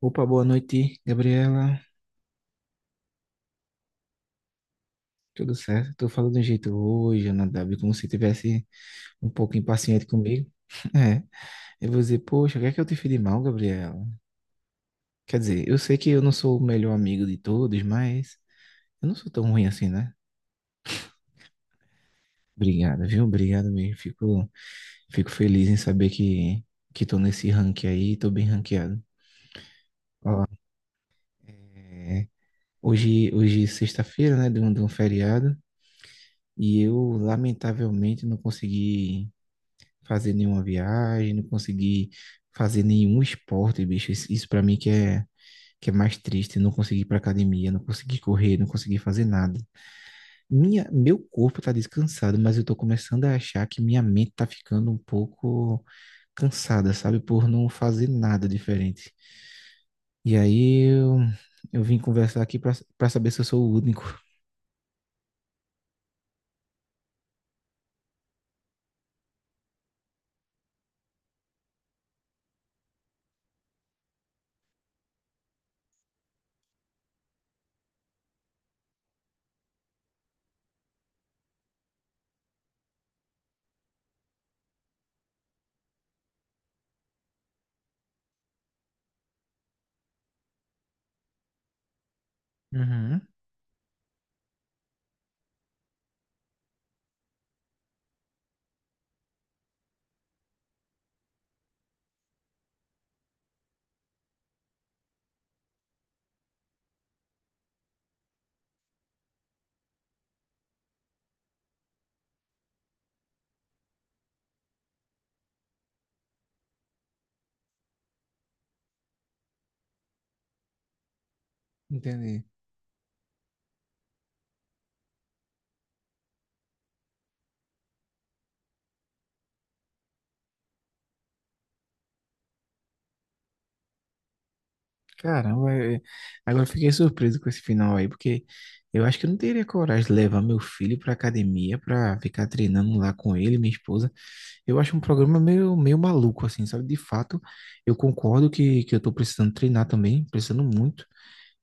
Opa, boa noite, Gabriela. Tudo certo? Tô falando de um jeito hoje, Ana Dabi, como se tivesse um pouco impaciente comigo. É, eu vou dizer, poxa, o que é que eu te fiz de mal, Gabriela? Quer dizer, eu sei que eu não sou o melhor amigo de todos, mas eu não sou tão ruim assim, né? Obrigado, viu? Obrigado mesmo. Fico feliz em saber que tô nesse rank aí, tô bem ranqueado. Ó, é, hoje é sexta-feira, né, de um feriado, e eu, lamentavelmente, não consegui fazer nenhuma viagem, não conseguir fazer nenhum esporte, bicho. Isso para mim que é mais triste, não conseguir ir pra academia, não conseguir correr, não conseguir fazer nada. Meu corpo tá descansado, mas eu tô começando a achar que minha mente tá ficando um pouco cansada, sabe? Por não fazer nada diferente. E aí eu, eu vim conversar aqui pra saber se eu sou o único. Uhum, entendi. Caramba, agora eu fiquei surpreso com esse final aí, porque eu acho que eu não teria coragem de levar meu filho pra academia pra ficar treinando lá com ele, minha esposa. Eu acho um programa meio maluco, assim, sabe? De fato, eu concordo que eu tô precisando treinar também, precisando muito,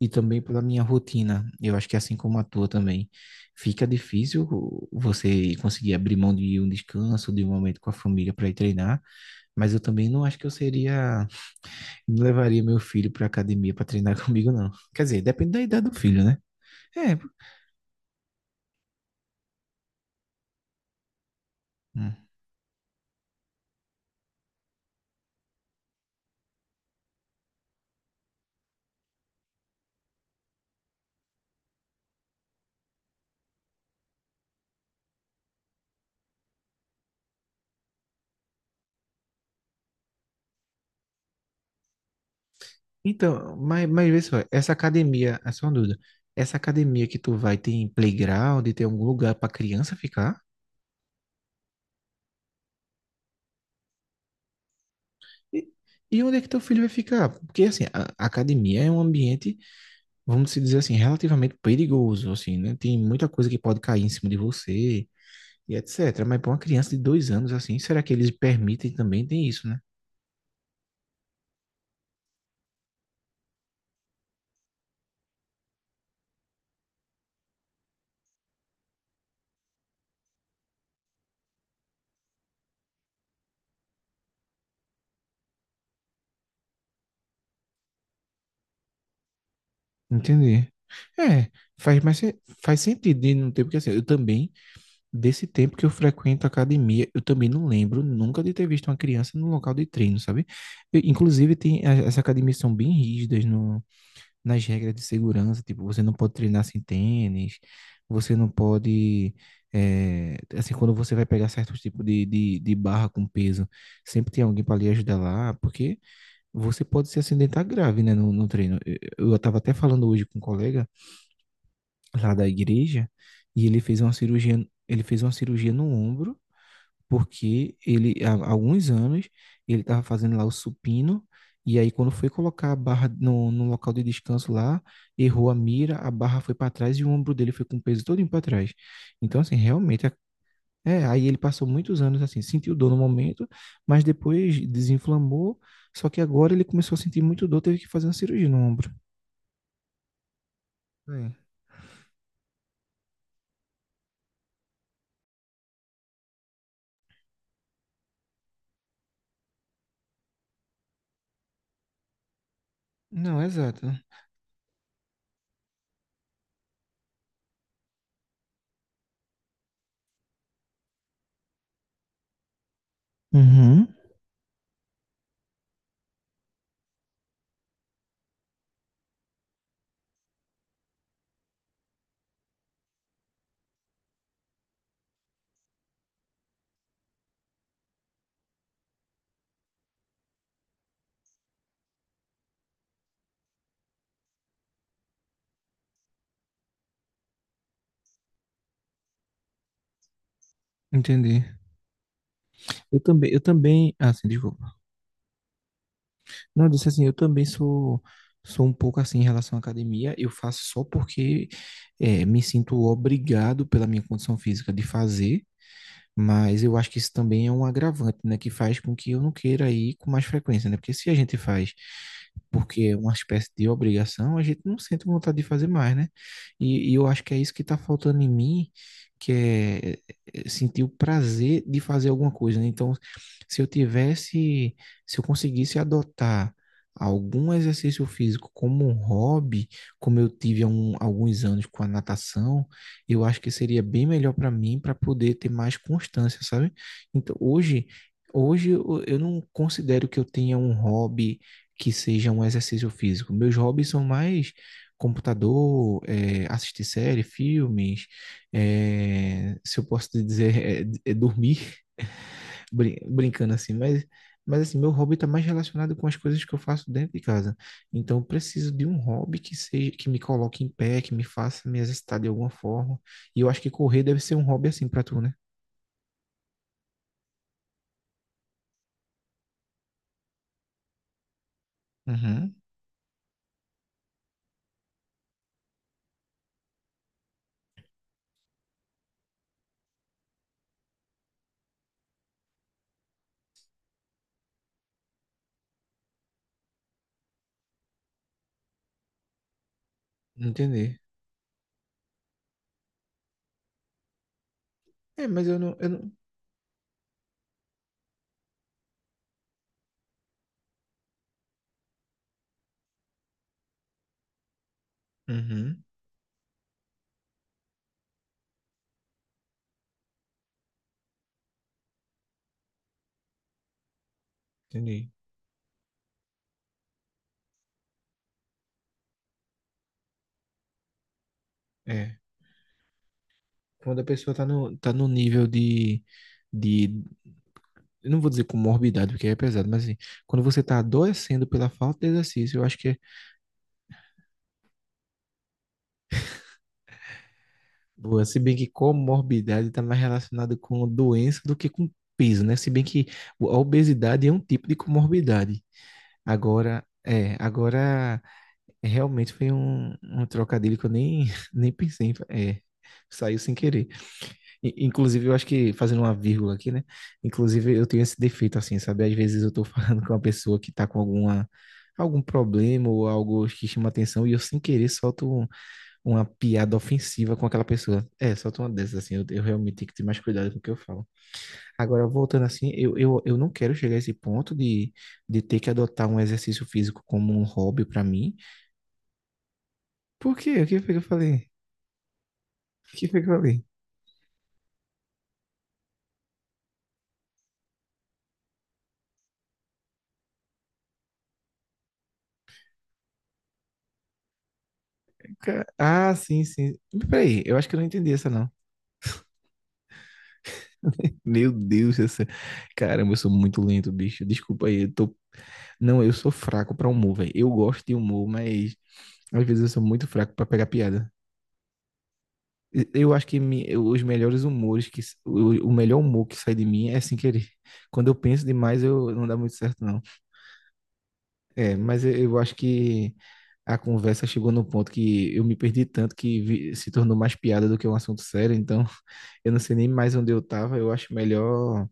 e também pela minha rotina. Eu acho que assim como a tua também, fica difícil você conseguir abrir mão de um descanso, de um momento com a família pra ir treinar, mas eu também não acho que eu seria. Não levaria meu filho pra academia pra treinar comigo, não. Quer dizer, depende da idade do filho, né? É. Hum. Então, mas vê só, essa academia, é só uma dúvida. Essa academia que tu vai tem playground, tem algum lugar pra criança ficar? E, e onde é que teu filho vai ficar? Porque, assim, a academia é um ambiente, vamos se dizer assim, relativamente perigoso, assim, né? Tem muita coisa que pode cair em cima de você e etc. Mas pra uma criança de 2 anos, assim, será que eles permitem também? Tem isso, né? Entendi. É, faz mais sen- faz sentido de não ter, porque assim, eu também, desse tempo que eu frequento a academia, eu também não lembro nunca de ter visto uma criança no local de treino, sabe? E, inclusive, as academias são bem rígidas no, nas regras de segurança, tipo, você não pode treinar sem tênis, você não pode, é, assim, quando você vai pegar certos tipos de barra com peso, sempre tem alguém para lhe ajudar lá, porque você pode se acidentar grave, né, no treino. Eu tava até falando hoje com um colega, lá da igreja e ele fez uma cirurgia, ele fez uma cirurgia no ombro, porque ele há alguns anos ele estava fazendo lá o supino e aí quando foi colocar a barra no local de descanso lá, errou a mira, a barra foi para trás e o ombro dele foi com o peso todo para trás. Então assim, realmente aí ele passou muitos anos assim, sentiu dor no momento, mas depois desinflamou, só que agora ele começou a sentir muito dor, teve que fazer uma cirurgia no ombro. É. Não, exato. Uhum, entendi. Eu também, ah, assim, desculpa. Não, eu disse assim, eu também sou um pouco assim em relação à academia. Eu faço só porque me sinto obrigado pela minha condição física de fazer. Mas eu acho que isso também é um agravante, né? Que faz com que eu não queira ir com mais frequência, né? Porque se a gente faz porque é uma espécie de obrigação, a gente não sente vontade de fazer mais, né? E eu acho que é isso que está faltando em mim, que é sentir o prazer de fazer alguma coisa, né? Então, se eu tivesse, se eu conseguisse adotar algum exercício físico como um hobby, como eu tive alguns anos com a natação, eu acho que seria bem melhor para mim para poder ter mais constância, sabe? Então, hoje eu não considero que eu tenha um hobby que seja um exercício físico. Meus hobbies são mais computador, assistir série, filmes, se eu posso te dizer, dormir, brincando assim, mas assim, meu hobby está mais relacionado com as coisas que eu faço dentro de casa. Então, eu preciso de um hobby que seja, que me coloque em pé, que me faça me exercitar de alguma forma. E eu acho que correr deve ser um hobby assim para tu, né? Uhum, entendi. É, mas eu não... Uhum, entendi. É, quando a pessoa tá no nível de, eu não vou dizer comorbidade, porque é pesado, mas assim, quando você tá adoecendo pela falta de exercício, eu acho que... Boa, se bem que comorbidade está mais relacionada com doença do que com peso, né? Se bem que a obesidade é um tipo de comorbidade. Agora, é, agora realmente foi um trocadilho que eu nem, nem pensei, é, saiu sem querer. Inclusive, eu acho que, fazendo uma vírgula aqui, né? Inclusive, eu tenho esse defeito assim, sabe? Às vezes eu estou falando com uma pessoa que está com algum problema ou algo que chama atenção e eu sem querer solto uma piada ofensiva com aquela pessoa. É, solta uma dessas, assim, eu realmente tenho que ter mais cuidado com o que eu falo. Agora, voltando assim, eu não quero chegar a esse ponto de ter que adotar um exercício físico como um hobby pra mim. Por quê? O que foi que eu falei? O que foi que eu falei? Ca- Ah, sim, sim. Peraí, eu acho que eu não entendi essa, não. Meu Deus, essa... Caramba, eu sou muito lento, bicho. Desculpa aí, eu tô... Não, eu sou fraco pra humor, velho. Eu gosto de humor, mas às vezes eu sou muito fraco pra pegar piada. Eu acho que os melhores humores o melhor humor que sai de mim é sem querer. Quando eu penso demais, eu não dá muito certo, não. É, mas eu acho que a conversa chegou no ponto que eu me perdi tanto se tornou mais piada do que um assunto sério, então eu não sei nem mais onde eu estava. Eu acho melhor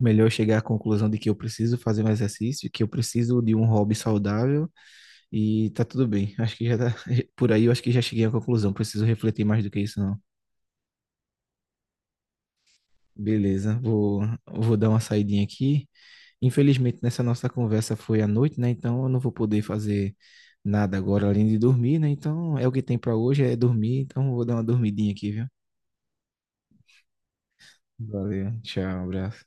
melhor chegar à conclusão de que eu preciso fazer um exercício, que eu preciso de um hobby saudável e tá tudo bem. Acho que já tá, por aí eu acho que já cheguei à conclusão, preciso refletir mais do que isso, não. Beleza, vou dar uma saidinha aqui. Infelizmente, nessa nossa conversa foi à noite, né? Então eu não vou poder fazer nada agora além de dormir, né? Então é o que tem pra hoje, é dormir. Então eu vou dar uma dormidinha aqui, viu? Valeu, tchau, abraço.